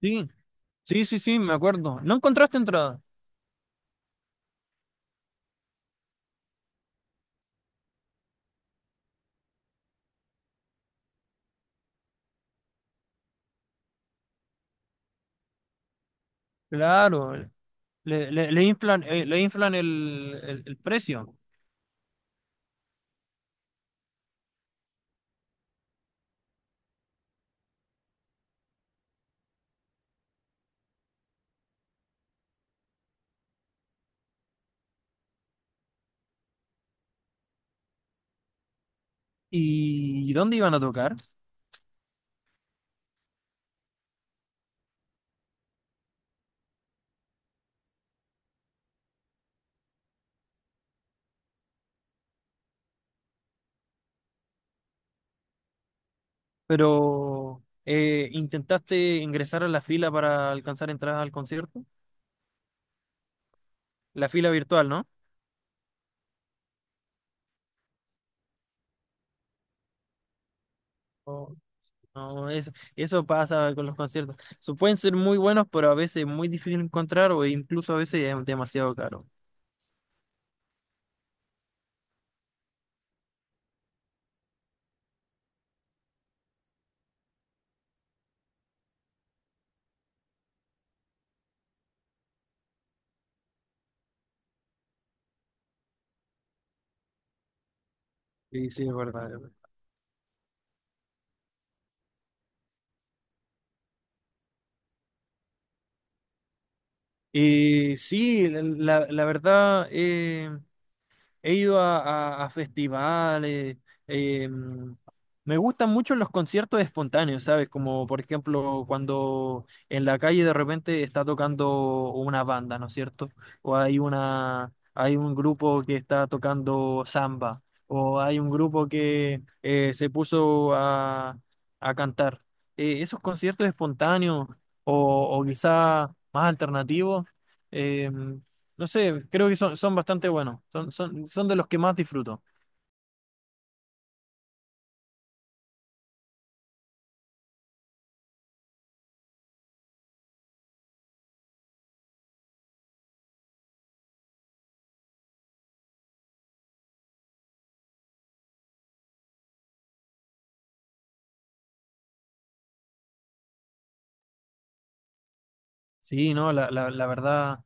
Sí, sí, sí, sí, me acuerdo. ¿No encontraste entrada? Claro, le inflan, le inflan el precio. ¿Y dónde iban a tocar? Pero intentaste ingresar a la fila para alcanzar entradas al concierto. La fila virtual, ¿no? Oh, no, eso pasa con los conciertos. So, pueden ser muy buenos, pero a veces muy difícil encontrar o incluso a veces es demasiado caro. Sí, sí, es verdad. Es verdad. Y sí, la verdad, he ido a, a festivales. em, Me gustan mucho los conciertos espontáneos, ¿sabes? Como por ejemplo cuando en la calle de repente está tocando una banda, ¿no es cierto? O hay un grupo que está tocando samba, o hay un grupo que se puso a cantar. Esos conciertos espontáneos o quizá más alternativos. em, no sé, creo que son bastante buenos. Son de los que más disfruto. Sí, no, la verdad.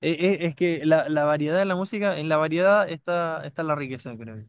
Es que la variedad de la música, en la variedad está la riqueza, creo yo.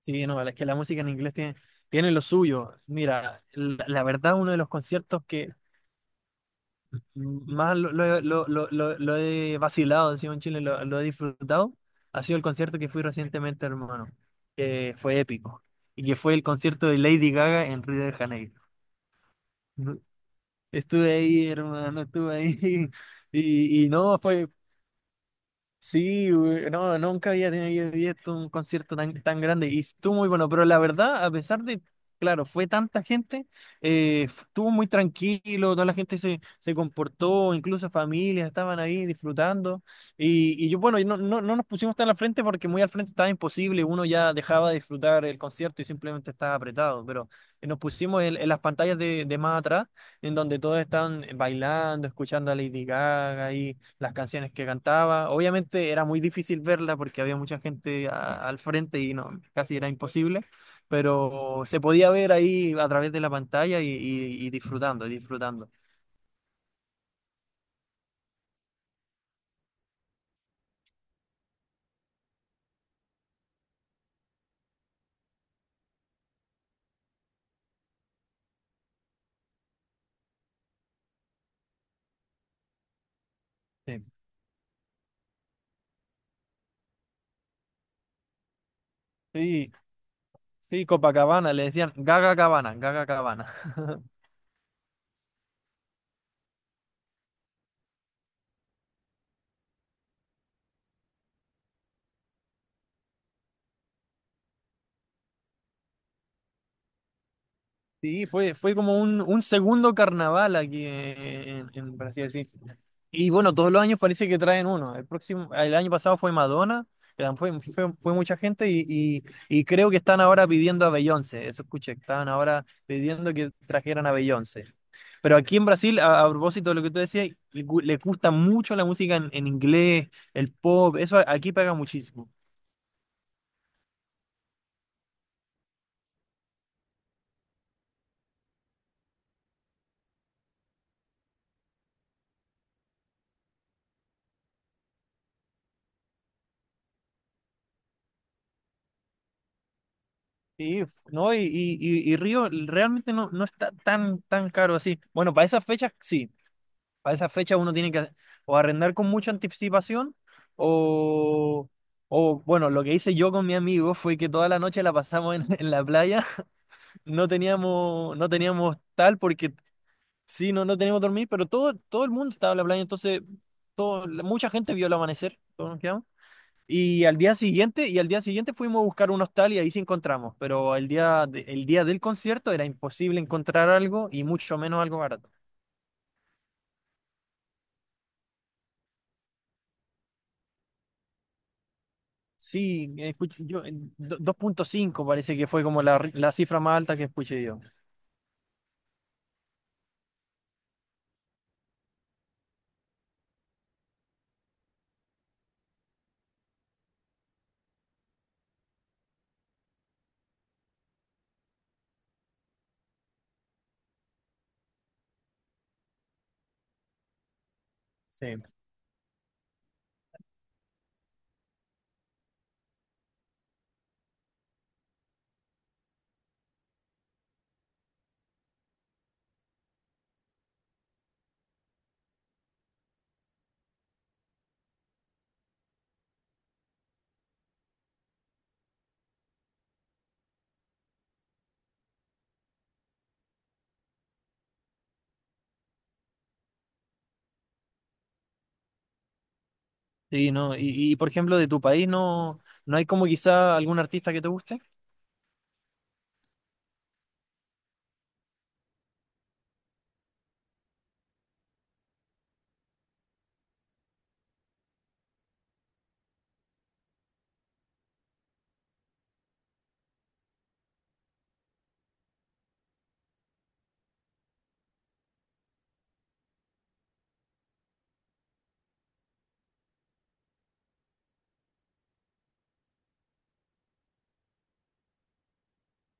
Sí, no, es que la música en inglés tiene lo suyo. Mira, la verdad, uno de los conciertos que más lo he vacilado, decimos en Chile, lo he disfrutado, ha sido el concierto que fui recientemente, hermano. Que fue épico. Y que fue el concierto de Lady Gaga en Río de Janeiro. Estuve ahí, hermano, estuve ahí. Y, y no, fue, sí, güey, no, nunca había tenido visto un concierto tan grande y estuvo muy bueno, pero la verdad, a pesar de, claro, fue tanta gente, estuvo muy tranquilo, toda la gente se comportó, incluso familias estaban ahí disfrutando y yo, bueno, y no, no nos pusimos tan al frente porque muy al frente estaba imposible, uno ya dejaba de disfrutar el concierto y simplemente estaba apretado, pero nos pusimos en las pantallas de más atrás, en donde todos están bailando, escuchando a Lady Gaga las canciones que cantaba. Obviamente era muy difícil verla porque había mucha gente al frente y no, casi era imposible, pero se podía ver ahí a través de la pantalla y, y disfrutando, y disfrutando. Sí. Sí, sí, Copacabana, le decían Gaga Cabana, Gaga Cabana. Sí, fue como un segundo carnaval aquí por así decir. Y bueno, todos los años parece que traen uno. El próximo, el año pasado fue Madonna, que fue mucha gente y creo que están ahora pidiendo a Beyoncé. Eso escuché, estaban ahora pidiendo que trajeran a Beyoncé. Pero aquí en Brasil, a propósito de lo que tú decías, le gusta mucho la música en inglés, el pop, eso aquí pega muchísimo. Sí, no, y Río realmente no, no está tan, tan caro así. Bueno, para esas fechas sí, para esas fechas uno tiene que o arrendar con mucha anticipación o, o bueno, lo que hice yo con mi amigo fue que toda la noche la pasamos en, en la playa, no teníamos, no teníamos tal porque sí, no, no teníamos dormir, pero todo, todo el mundo estaba en la playa, entonces todo, mucha gente vio el amanecer, todos nos quedamos. Y al día siguiente, y al día siguiente fuimos a buscar un hostal y ahí sí encontramos, pero el día, el día del concierto era imposible encontrar algo y mucho menos algo barato. Sí, escuché, yo, 2.5 parece que fue como la cifra más alta que escuché yo. Sí. Sí, no, y por ejemplo, de tu país no, no hay como quizá algún artista que te guste.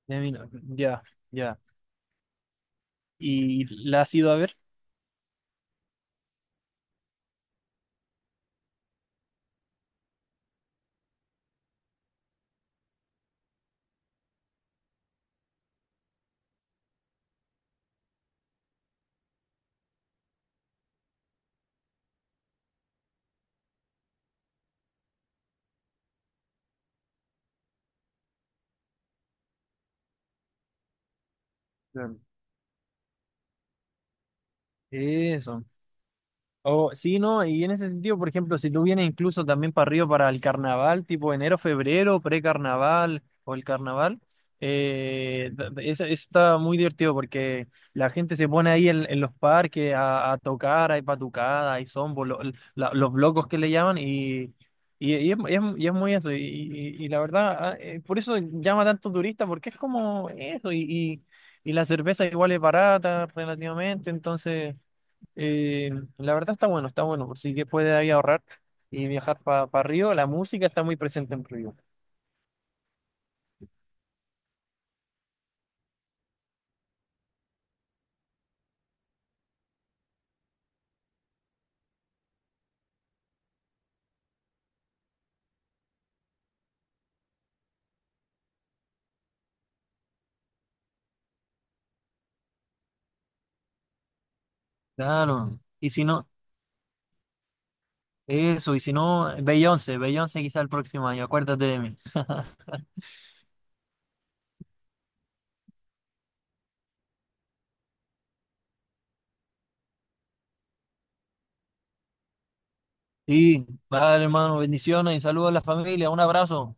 De mí no. Ya, ya. ¿Y la has ido a ver? Claro. Eso. O, sí, no, y en ese sentido, por ejemplo, si tú vienes incluso también para Río para el carnaval, tipo enero, febrero, precarnaval o el carnaval, eso, eso está muy divertido porque la gente se pone ahí en los parques a tocar, hay patucadas, hay zombo, los locos que le llaman, y, y es muy eso, la verdad, por eso llama tanto turista, porque es como eso, y la cerveza igual es barata relativamente, entonces... Eh, la verdad está bueno, por si que puede ahí ahorrar y viajar para Río, la música está muy presente en Río. Claro. Y si no, eso, y si no, Beyoncé, Beyoncé quizá el próximo año, acuérdate de mí. Y vale, hermano, bendiciones y saludos a la familia, un abrazo.